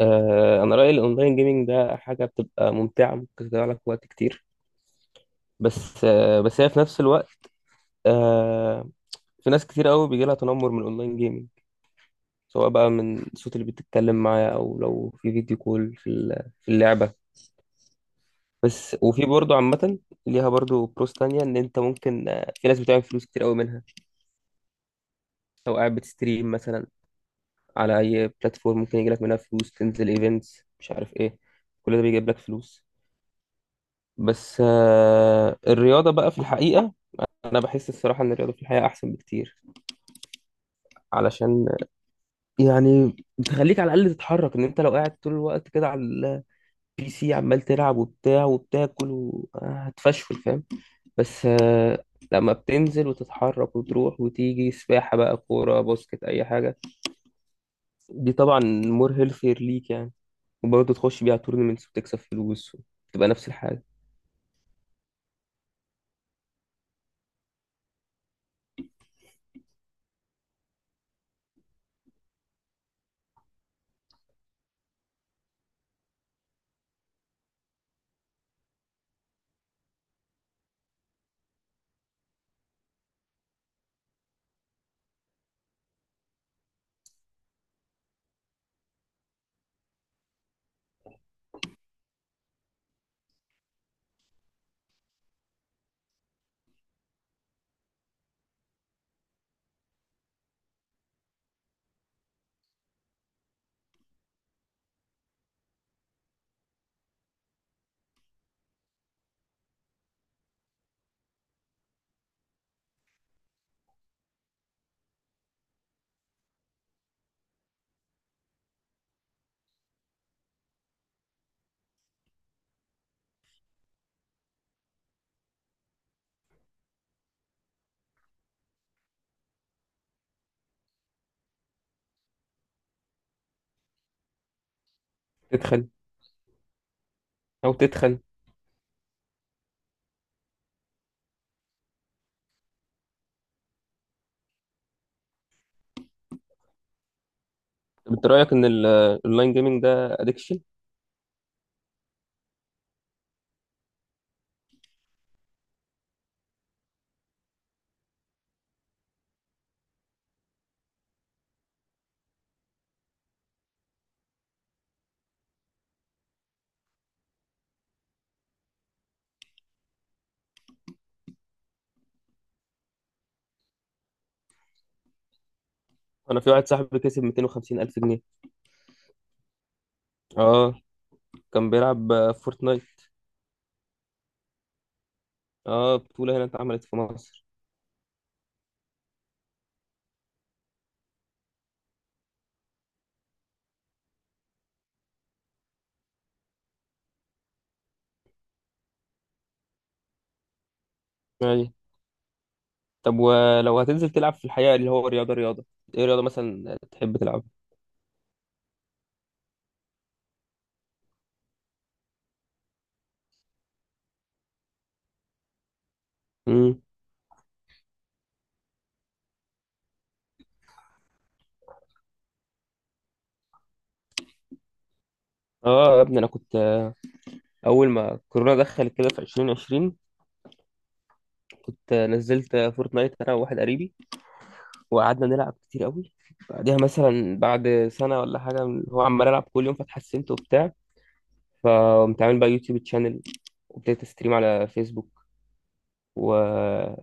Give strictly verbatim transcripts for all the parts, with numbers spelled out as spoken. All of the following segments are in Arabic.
آه، انا رايي الاونلاين جيمنج ده حاجه بتبقى ممتعه، ممكن تضيع لك وقت كتير. بس آه، بس هي في نفس الوقت، آه، في ناس كتير قوي بيجي لها تنمر من الاونلاين جيمنج، سواء بقى من الصوت اللي بتتكلم معاه او لو في فيديو كول في ال- في اللعبه. بس وفي برضه عامه ليها برضه بروس تانية ان انت ممكن، آه، في ناس بتعمل فلوس كتير قوي منها. لو قاعد بتستريم مثلا على اي بلاتفورم ممكن يجي لك منها فلوس، تنزل ايفنتس مش عارف ايه، كل ده بيجيب لك فلوس. بس آه، الرياضة بقى في الحقيقة، انا بحس الصراحه ان الرياضه في الحياه احسن بكتير، علشان يعني بتخليك على الاقل تتحرك. ان انت لو قاعد طول الوقت كده على البي سي عمال تلعب وبتاع وبتاكل و- آه، هتفشل، فاهم؟ بس آه، لما بتنزل وتتحرك وتروح وتيجي سباحه بقى، كوره، باسكت، اي حاجه، دي طبعا مور هيلثير ليك يعني. وبرضه تخش بيها تورنمنتس وتكسب فلوس وتبقى نفس الحاجه. تدخل او تدخل. طب انت رايك ان الاونلاين جيمنج ده ادكشن؟ انا في واحد صاحبي كسب مئتين وخمسين الف جنيه. اه، كان بيلعب آه، فورتنايت. اه، بطولة هنا اتعملت في مصر. ايوه. طب ولو هتنزل تلعب في الحقيقة اللي هو رياضة رياضة، ايه رياضة مثلا تحب تلعبها؟ امم. اه يا ابني، انا كنت آه، اول ما كورونا دخلت كده في ألفين وعشرين، كنت آه، نزلت آه، فورتنايت انا وواحد قريبي، وقعدنا نلعب كتير قوي. بعدها مثلا بعد سنة ولا حاجة من- هو عمال العب كل يوم، فتحسنت وبتاع، فقمت عامل بقى يوتيوب تشانل، وابتديت استريم على فيسبوك. و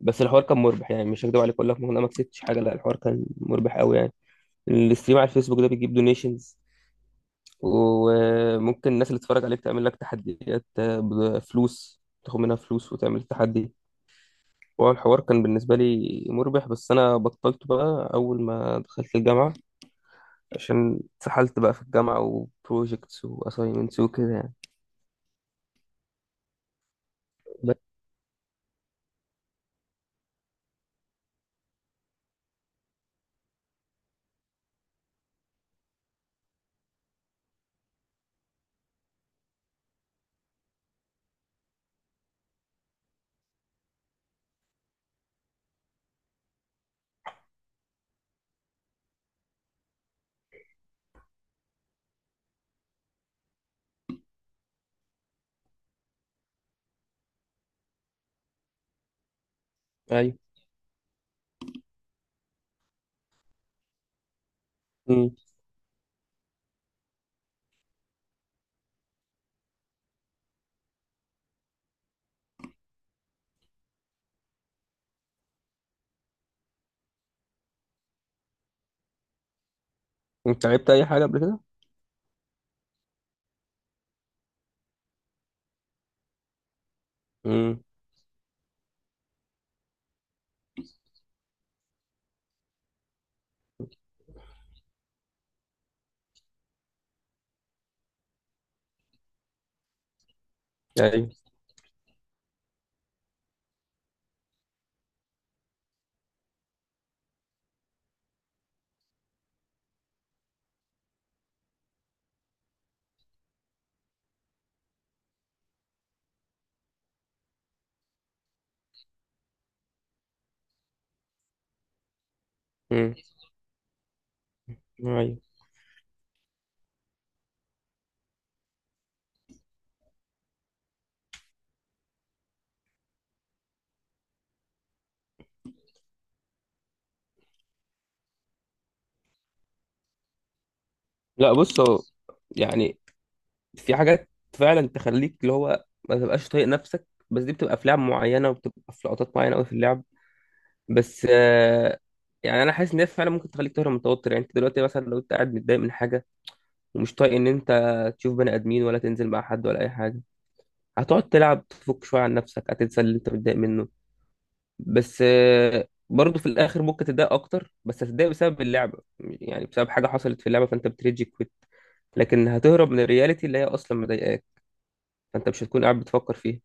بس الحوار كان مربح، يعني مش هكدب عليك اقول لك إن انا ما كسبتش حاجه، لا الحوار كان مربح قوي يعني. الاستريم على الفيسبوك ده بيجيب دونيشنز، وممكن الناس اللي تتفرج عليك تعمل لك تحديات بفلوس، تاخد منها فلوس وتعمل تحدي. هو الحوار كان بالنسبة لي مربح، بس أنا بطلته بقى أول ما دخلت الجامعة، عشان اتسحلت بقى في الجامعة وبروجيكتس وأسايمنتس وكده يعني. بس، أيوه. أمم. أنت لعبت أي حاجة قبل كده؟ امم. أيوه. امم. أيوه. لا بص هو، يعني في حاجات فعلا تخليك اللي هو ما تبقاش طايق نفسك، بس دي بتبقى في لعب معينه وبتبقى في لقطات معينه قوي في اللعب. بس آه، يعني انا حاسس ان هي فعلا ممكن تخليك تهرب من التوتر. يعني انت دلوقتي مثلا لو انت قاعد متضايق من حاجه ومش طايق ان انت تشوف بني ادمين ولا تنزل مع حد ولا اي حاجه، هتقعد تلعب تفك شويه عن نفسك، هتنسى اللي انت متضايق منه. بس آه، برضه في الاخر ممكن تتضايق اكتر، بس هتتضايق بسبب اللعبه، يعني بسبب حاجه حصلت في اللعبه فانت بتريجي كويت، لكن هتهرب من الرياليتي اللي هي اصلا مضايقاك، فانت مش هتكون قاعد بتفكر فيها.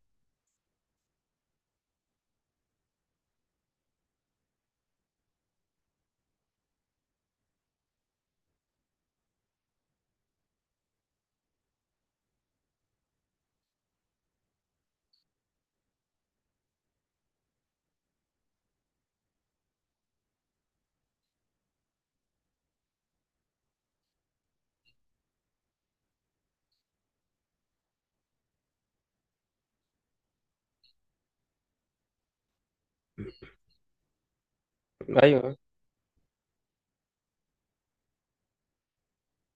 ايوه.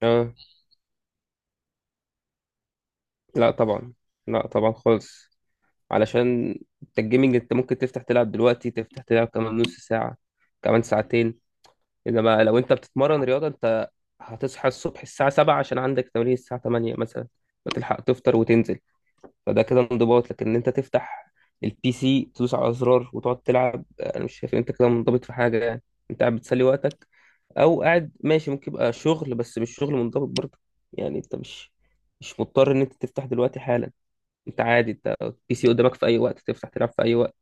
اه. لا طبعا. لا طبعا خالص، علشان انت الجيمنج انت ممكن تفتح تلعب دلوقتي، تفتح تلعب كمان نص ساعة، كمان ساعتين. انما لو انت بتتمرن رياضة، انت هتصحى الصبح الساعة سبعة عشان عندك تمرين الساعة ثمانية مثلا، فتلحق تفطر وتنزل، فده كده انضباط. لكن ان انت تفتح البي سي تدوس على زرار وتقعد تلعب، انا مش شايف ان انت كده منضبط في حاجه يعني، انت قاعد بتسلي وقتك، او قاعد ماشي، ممكن يبقى شغل بس مش شغل منضبط برضه. يعني انت مش مش مضطر ان انت تفتح دلوقتي حالا، انت عادي، انت البي سي قدامك في اي وقت، تفتح تلعب في اي وقت.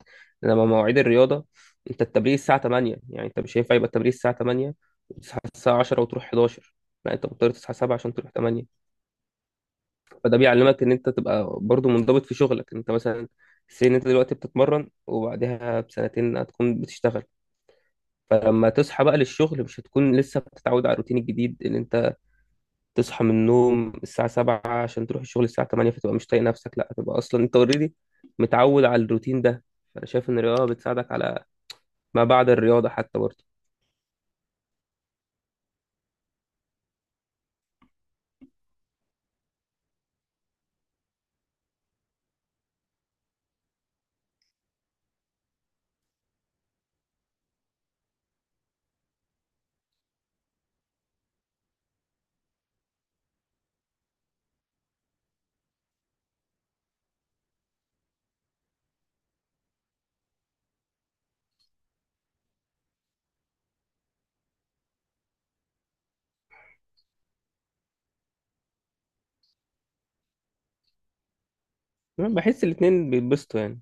انما مواعيد الرياضه، انت التمرين الساعه تمانية، يعني انت مش هينفع يبقى التمرين الساعه تمانية وتصحى الساعه عشرة وتروح حداشر، لا انت مضطر تصحى سبعة عشان تروح تمانية. فده بيعلمك ان انت تبقى برضو منضبط في شغلك. انت مثلا سين انت دلوقتي بتتمرن، وبعدها بسنتين هتكون بتشتغل، فلما تصحى بقى للشغل مش هتكون لسه بتتعود على الروتين الجديد ان انت تصحى من النوم الساعة سبعة عشان تروح الشغل الساعة تمانية، فتبقى مش طايق نفسك. لا هتبقى اصلا انت اوريدي متعود على الروتين ده. فانا شايف ان الرياضة بتساعدك على ما بعد الرياضة حتى برضه. أنا بحس الاتنين بيتبسطوا يعني.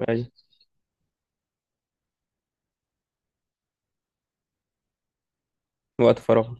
ماشي. وقت فراغ.